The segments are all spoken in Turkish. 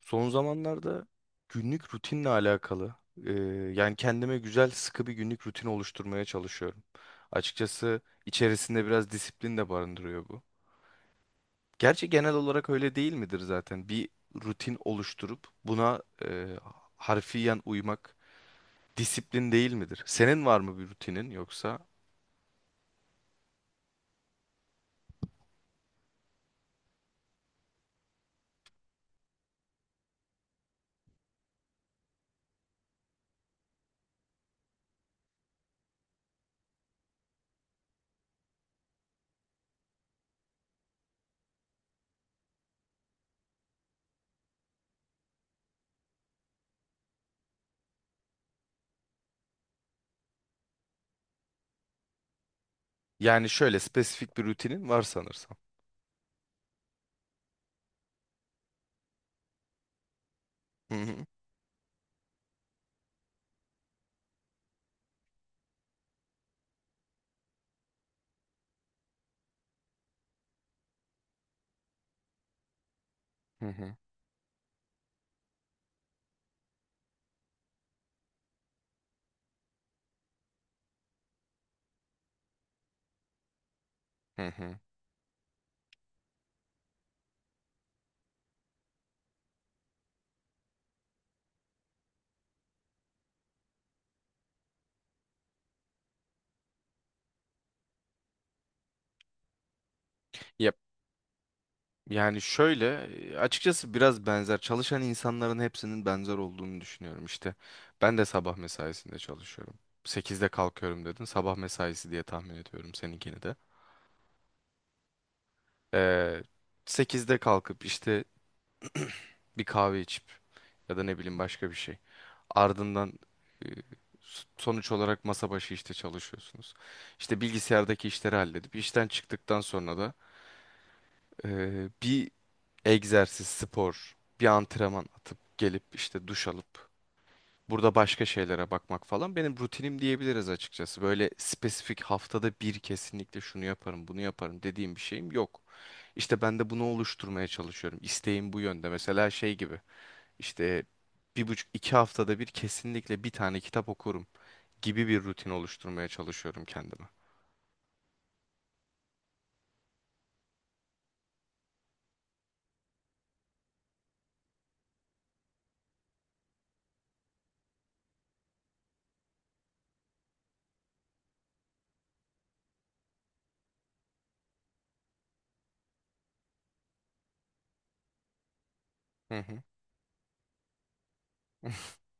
Son zamanlarda günlük rutinle alakalı. e, Yani kendime güzel sıkı bir günlük rutin oluşturmaya çalışıyorum. Açıkçası içerisinde biraz disiplin de barındırıyor bu. Gerçi genel olarak öyle değil midir zaten? Bir rutin oluşturup buna harfiyen uymak disiplin değil midir? Senin var mı bir rutinin yoksa? Yani şöyle spesifik bir rutinin var sanırsam. Hı hı. Hı hı. Hı hı. Ya Yani şöyle açıkçası biraz benzer çalışan insanların hepsinin benzer olduğunu düşünüyorum işte. Ben de sabah mesaisinde çalışıyorum. Sekizde kalkıyorum dedin. Sabah mesaisi diye tahmin ediyorum seninkini de. Ee, 8'de kalkıp işte bir kahve içip ya da ne bileyim başka bir şey. Ardından e, sonuç olarak masa başı işte çalışıyorsunuz. İşte bilgisayardaki işleri halledip işten çıktıktan sonra da bir egzersiz, spor, bir antrenman atıp gelip işte duş alıp burada başka şeylere bakmak falan benim rutinim diyebiliriz açıkçası. Böyle spesifik haftada bir kesinlikle şunu yaparım, bunu yaparım dediğim bir şeyim yok. İşte ben de bunu oluşturmaya çalışıyorum. İsteğim bu yönde. Mesela şey gibi işte bir buçuk iki haftada bir kesinlikle bir tane kitap okurum gibi bir rutin oluşturmaya çalışıyorum kendime. Hı hı.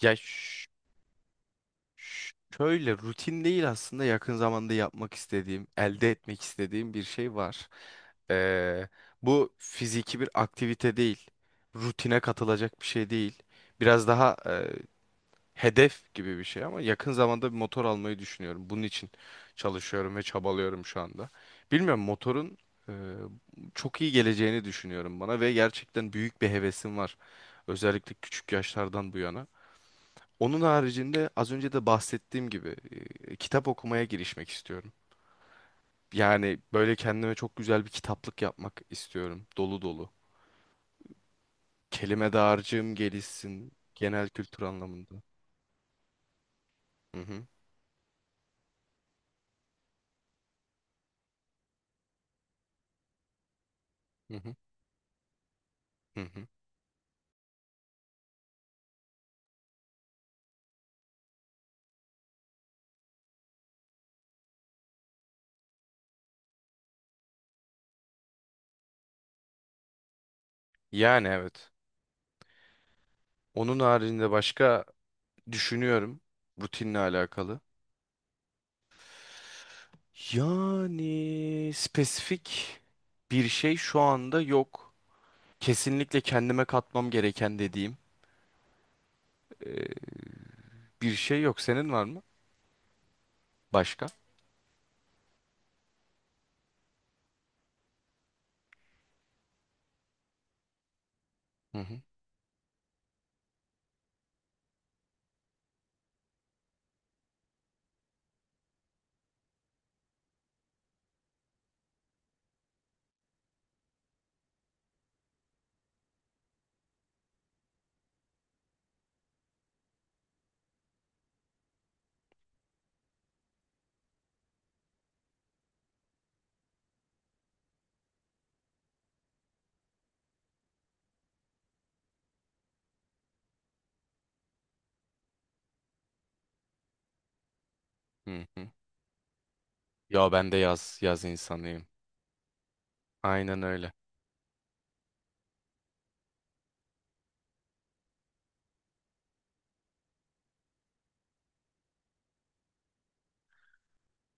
Ya Şöyle rutin değil aslında yakın zamanda yapmak istediğim, elde etmek istediğim bir şey var. Ee, Bu fiziki bir aktivite değil, rutine katılacak bir şey değil. Biraz daha hedef gibi bir şey ama yakın zamanda bir motor almayı düşünüyorum. Bunun için çalışıyorum ve çabalıyorum şu anda. Bilmiyorum motorun e, çok iyi geleceğini düşünüyorum bana ve gerçekten büyük bir hevesim var. Özellikle küçük yaşlardan bu yana. Onun haricinde az önce de bahsettiğim gibi kitap okumaya girişmek istiyorum. Yani böyle kendime çok güzel bir kitaplık yapmak istiyorum. Dolu dolu. Kelime dağarcığım gelişsin genel kültür anlamında. Hı hı, hı hı, hı hı. Yani evet. Onun haricinde başka düşünüyorum rutinle alakalı. Yani spesifik bir şey şu anda yok. Kesinlikle kendime katmam gereken dediğim e, bir şey yok. Senin var mı? Başka? Hı hı. Hı hı. Ya ben de yaz insanıyım. Aynen öyle.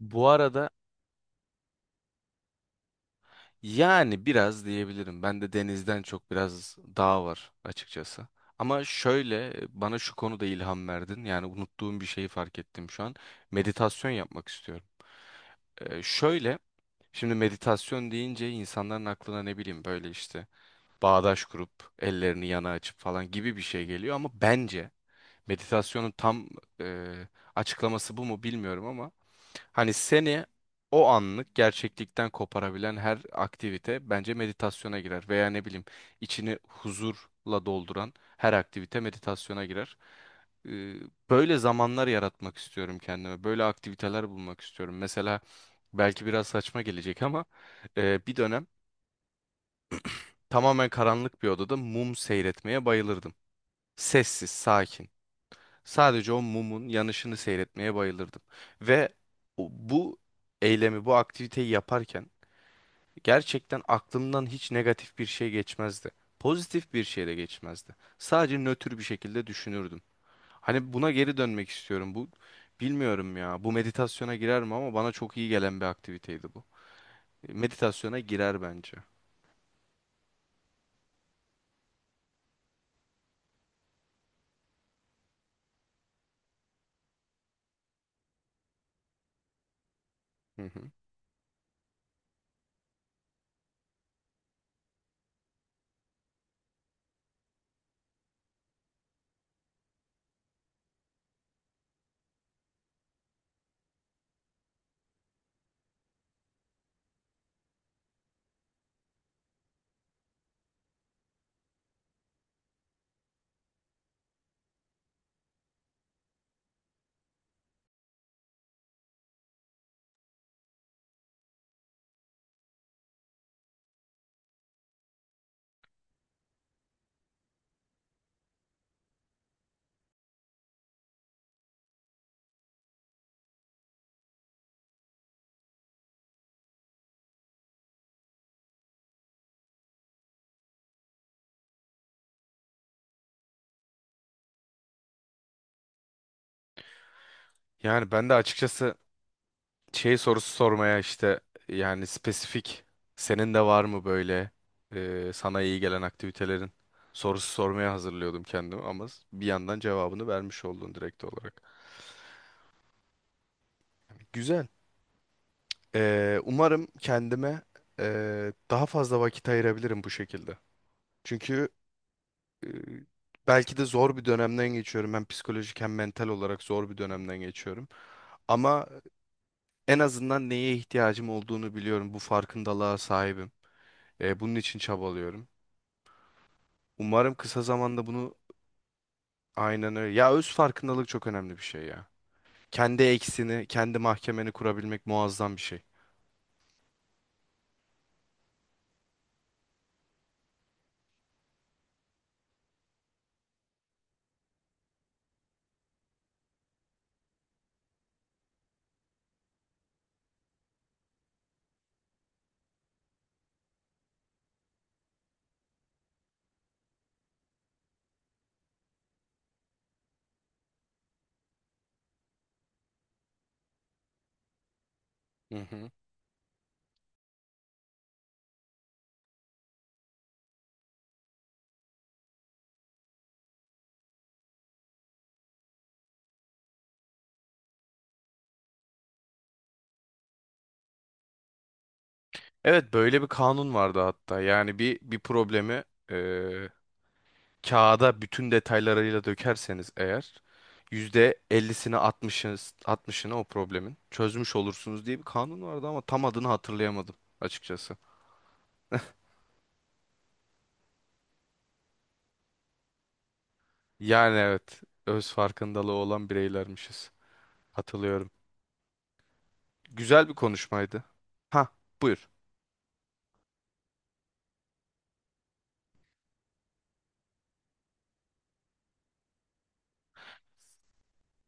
Bu arada yani biraz diyebilirim. Ben de denizden çok biraz dağ var açıkçası. Ama şöyle bana şu konuda ilham verdin. Yani unuttuğum bir şeyi fark ettim şu an. Meditasyon yapmak istiyorum. Şöyle şimdi meditasyon deyince insanların aklına ne bileyim böyle işte bağdaş kurup ellerini yana açıp falan gibi bir şey geliyor ama bence meditasyonun tam e, açıklaması bu mu bilmiyorum ama hani seni o anlık gerçeklikten koparabilen her aktivite bence meditasyona girer. Veya ne bileyim içini huzurla dolduran her aktivite meditasyona girer. Ee, Böyle zamanlar yaratmak istiyorum kendime. Böyle aktiviteler bulmak istiyorum. Mesela belki biraz saçma gelecek ama bir dönem tamamen karanlık bir odada mum seyretmeye bayılırdım. Sessiz, sakin. Sadece o mumun yanışını seyretmeye bayılırdım. Ve bu eylemi, bu aktiviteyi yaparken gerçekten aklımdan hiç negatif bir şey geçmezdi. Pozitif bir şey de geçmezdi. Sadece nötr bir şekilde düşünürdüm. Hani buna geri dönmek istiyorum. Bu bilmiyorum ya. Bu meditasyona girer mi ama bana çok iyi gelen bir aktiviteydi bu. Meditasyona girer bence. Hı hı. Yani ben de açıkçası şey sorusu sormaya işte yani spesifik senin de var mı böyle sana iyi gelen aktivitelerin sorusu sormaya hazırlıyordum kendimi ama bir yandan cevabını vermiş oldun direkt olarak. Güzel. Umarım kendime daha fazla vakit ayırabilirim bu şekilde. Çünkü belki de zor bir dönemden geçiyorum. Hem psikolojik hem mental olarak zor bir dönemden geçiyorum. Ama en azından neye ihtiyacım olduğunu biliyorum. Bu farkındalığa sahibim. Bunun için çabalıyorum. Umarım kısa zamanda bunu aynen öyle. Ya öz farkındalık çok önemli bir şey ya. Kendi eksini, kendi mahkemeni kurabilmek muazzam bir şey. Hı hı. Evet böyle bir kanun vardı hatta. Yani bir problemi eee, kağıda bütün detaylarıyla dökerseniz eğer %50'sini 60'ını o problemin çözmüş olursunuz diye bir kanun vardı ama tam adını hatırlayamadım açıkçası. Yani evet öz farkındalığı olan bireylermişiz. Hatırlıyorum. Güzel bir konuşmaydı. Ha, buyur.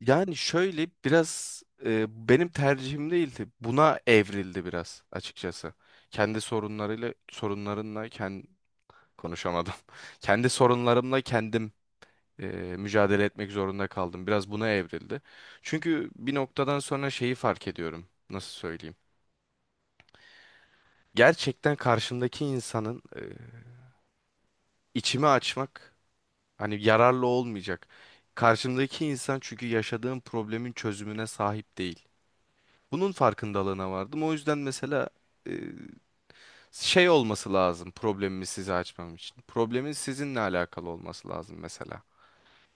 Yani şöyle biraz benim tercihim değildi. Buna evrildi biraz açıkçası. Kendi sorunlarıyla Sorunlarınla kendi konuşamadım. Kendi sorunlarımla kendim e, mücadele etmek zorunda kaldım. Biraz buna evrildi. Çünkü bir noktadan sonra şeyi fark ediyorum. Nasıl söyleyeyim? Gerçekten karşımdaki insanın içimi açmak hani yararlı olmayacak. Karşımdaki insan çünkü yaşadığım problemin çözümüne sahip değil. Bunun farkındalığına vardım. O yüzden mesela e, şey olması lazım problemimi size açmam için. Problemin sizinle alakalı olması lazım mesela.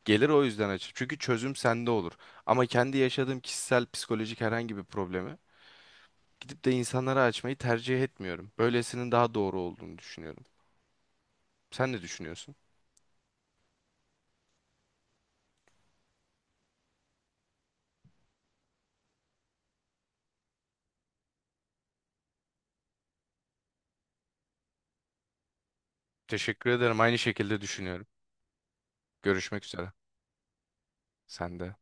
Gelir o yüzden açık. Çünkü çözüm sende olur. Ama kendi yaşadığım kişisel psikolojik herhangi bir problemi gidip de insanlara açmayı tercih etmiyorum. Böylesinin daha doğru olduğunu düşünüyorum. Sen ne düşünüyorsun? Teşekkür ederim. Aynı şekilde düşünüyorum. Görüşmek üzere. Sen de.